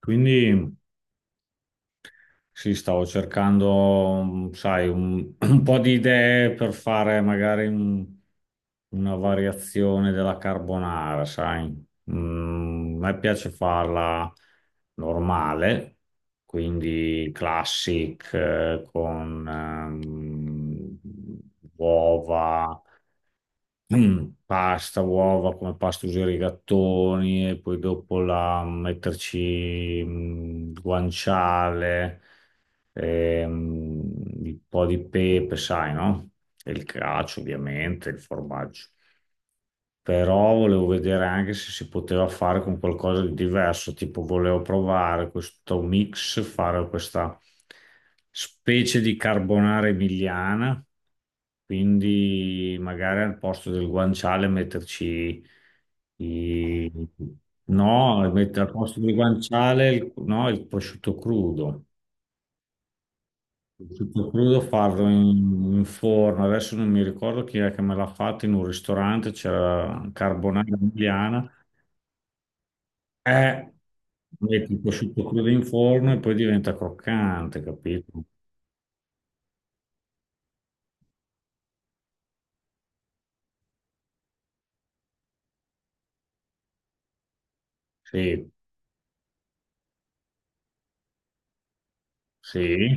Quindi sì, stavo cercando, sai, un po' di idee per fare magari una variazione della carbonara, sai. A me piace farla normale, quindi classic, con uova. Pasta, uova, come pasta usare i gattoni e poi dopo metterci il guanciale, ehm, un po' di pepe, sai, no? E il cacio, ovviamente, il formaggio, però volevo vedere anche se si poteva fare con qualcosa di diverso, tipo volevo provare questo mix, fare questa specie di carbonara emiliana, quindi magari al posto del guanciale metterci i... No, mettere al posto del guanciale il, no, il prosciutto crudo. Il prosciutto crudo farlo in forno. Adesso non mi ricordo chi è che me l'ha fatto in un ristorante, c'era carbonara emiliana. Eh, Metti il prosciutto crudo in forno e poi diventa croccante, capito? Sì, sì,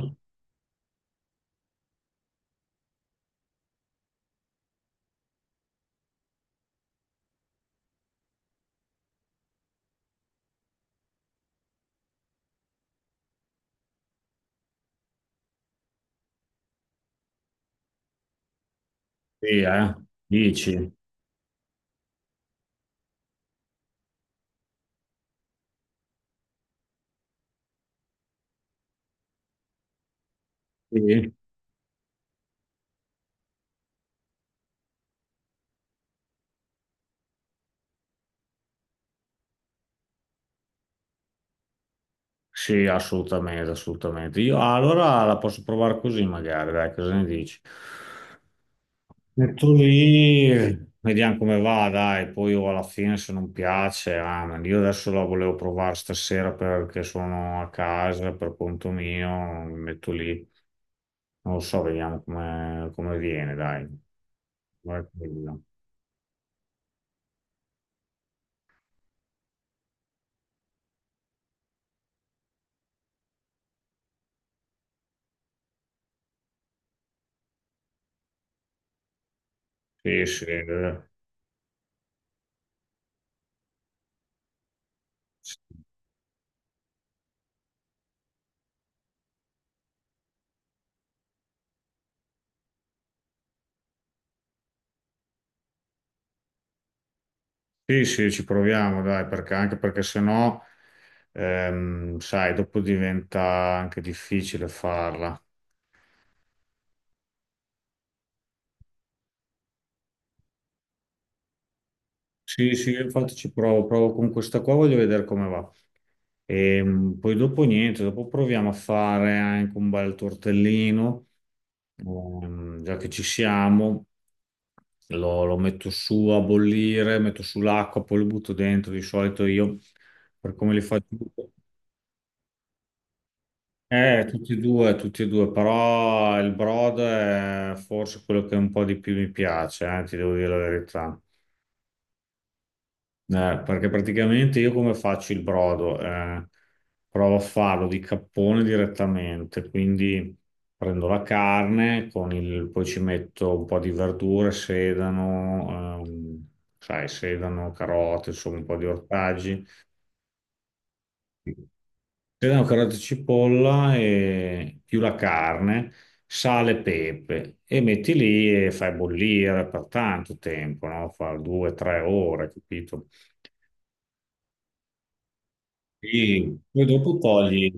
sì, eh. Dici? Sì, sì, assolutamente, assolutamente. Io allora la posso provare così magari, dai, cosa ne dici? Metto lì, vediamo come va, dai, poi io alla fine se non piace, amen. Io adesso la volevo provare stasera perché sono a casa per conto mio, mi metto lì. Non lo so, vediamo come viene, dai. Guarda quella. Sì, sì, eh. Sì, sì, ci proviamo, dai, perché sennò, sai, dopo diventa anche difficile farla. Sì, sì, io infatti ci provo, con questa qua, voglio vedere come va. E poi dopo niente, dopo proviamo a fare anche un bel tortellino, già che ci siamo. Lo metto su a bollire, metto su l'acqua, poi lo butto dentro. Di solito io, per come li faccio. Tutti e due, tutti e due, però il brodo è forse quello che un po' di più mi piace, ti devo dire la verità. Perché praticamente io come faccio il brodo? Provo a farlo di cappone direttamente, quindi prendo la carne, poi ci metto un po' di verdure, sedano, sai, sedano, carote, insomma un po' di ortaggi, sedano, carote, e cipolla e più la carne, sale e pepe e metti lì e fai bollire per tanto tempo, no? Fa due, tre ore, capito? Sì, poi dopo togli,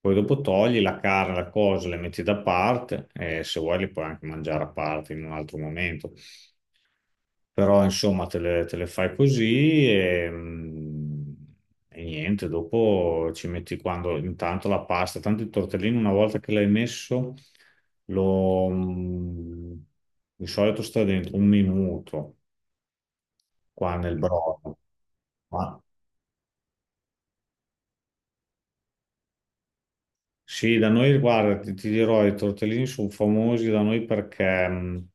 la carne, la cosa, le metti da parte e se vuoi le puoi anche mangiare a parte in un altro momento. Però insomma te le fai così e niente, dopo ci metti quando intanto la pasta, tanto il tortellino una volta che l'hai messo lo, mm, di solito sta dentro un minuto qua nel brodo. Ma sì, da noi, guarda, ti dirò, i tortellini sono famosi da noi perché mh,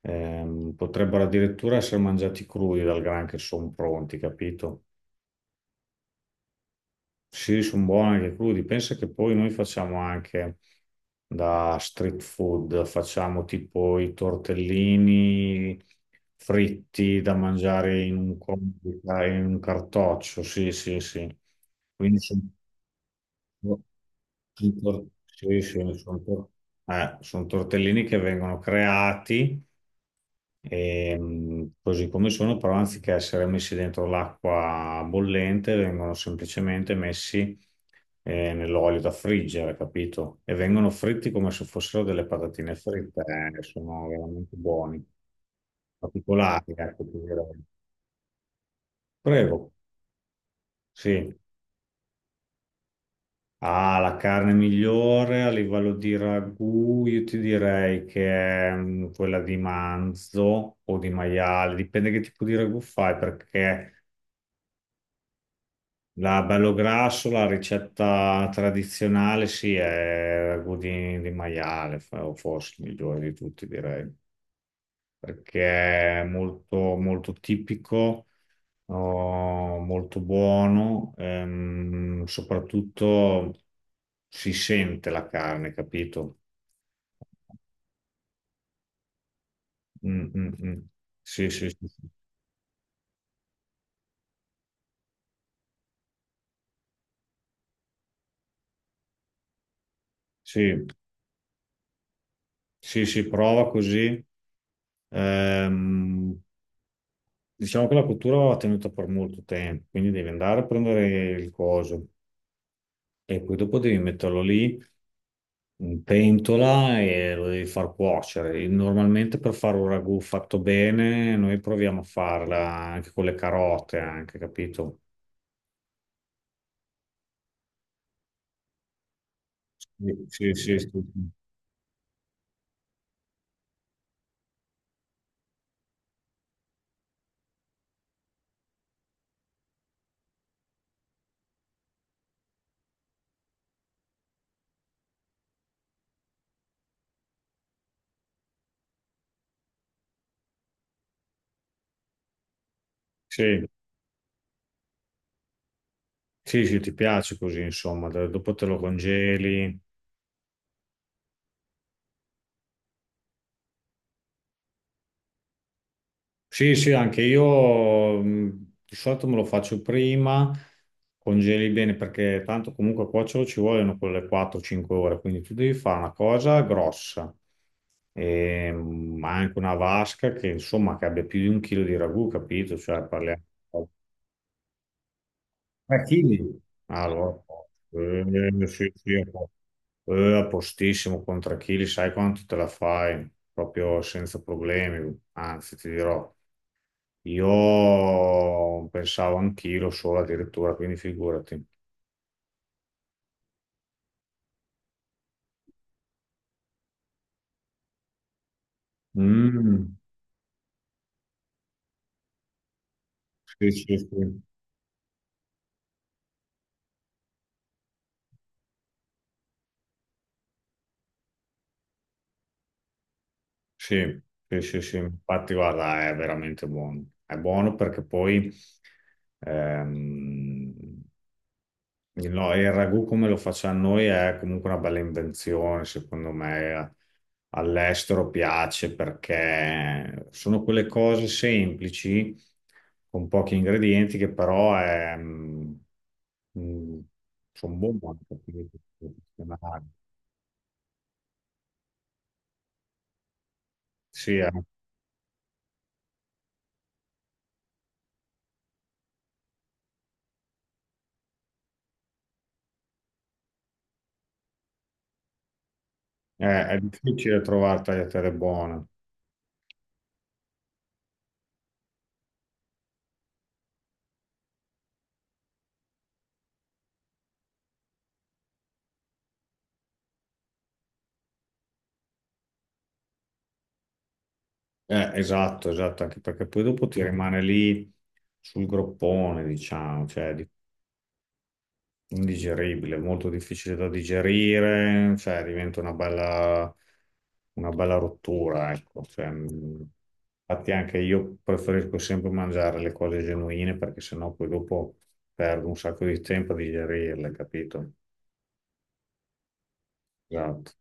ehm, potrebbero addirittura essere mangiati crudi dal gran che sono pronti, capito? Sì, sono buoni anche crudi. Pensa che poi noi facciamo anche da street food, facciamo tipo i tortellini fritti da mangiare in un cartoccio. Sì, sì, sì. Quindi sì, sì, sono tortellini che vengono creati. Così come sono, però anziché essere messi dentro l'acqua bollente, vengono semplicemente messi nell'olio da friggere, capito? E vengono fritti come se fossero delle patatine fritte. Sono veramente buoni, particolari, ecco, ti direi. Prego, sì. Ah, la carne migliore a livello di ragù, io ti direi che è quella di manzo o di maiale, dipende che tipo di ragù fai, perché. La bello grasso, la ricetta tradizionale, sì, è ragù di maiale, o forse il migliore di tutti, direi, perché è molto, molto tipico, oh, molto buono, soprattutto si sente la carne, capito? Mm, mm, mm. Sì, sì, sì, sì, sì, sì, prova così. Ehm, Diciamo che la cottura va tenuta per molto tempo, quindi devi andare a prendere il coso e poi dopo devi metterlo lì in pentola e lo devi far cuocere. E normalmente per fare un ragù fatto bene, noi proviamo a farla anche con le carote, anche, capito? Sì, sì, sì. Sì, sì, sì, sì, ti piace così, insomma, dopo te lo congeli. Sì, sì, anche io di solito me lo faccio prima, congeli bene perché tanto comunque a cuocerlo ci vogliono quelle 4-5 ore, quindi tu devi fare una cosa grossa, e, anche una vasca che insomma che abbia più di un chilo di ragù, capito? Cioè parliamo di 3 chili. Allora, sì, sì, a postissimo con 3 chili, sai quanto te la fai? Proprio senza problemi, anzi ti dirò. Io pensavo anch'io solo addirittura, quindi figurati. Mm, sì, sì, sì, sì, sì, sì, sì. Infatti, guarda, è veramente buono. È buono perché poi ehm, il, no, il ragù come lo facciamo noi è comunque una bella invenzione, secondo me. All'estero piace perché sono quelle cose semplici, con pochi ingredienti, che però mm, sono buone anche per i professionali. Sì, è difficile trovare tagliatelle buone. Esatto, esatto, anche perché poi dopo ti rimane lì sul groppone, diciamo, cioè è indigeribile, molto difficile da digerire, cioè diventa una bella rottura, ecco. Cioè, infatti anche io preferisco sempre mangiare le cose genuine perché sennò poi dopo perdo un sacco di tempo a digerirle, capito? Esatto.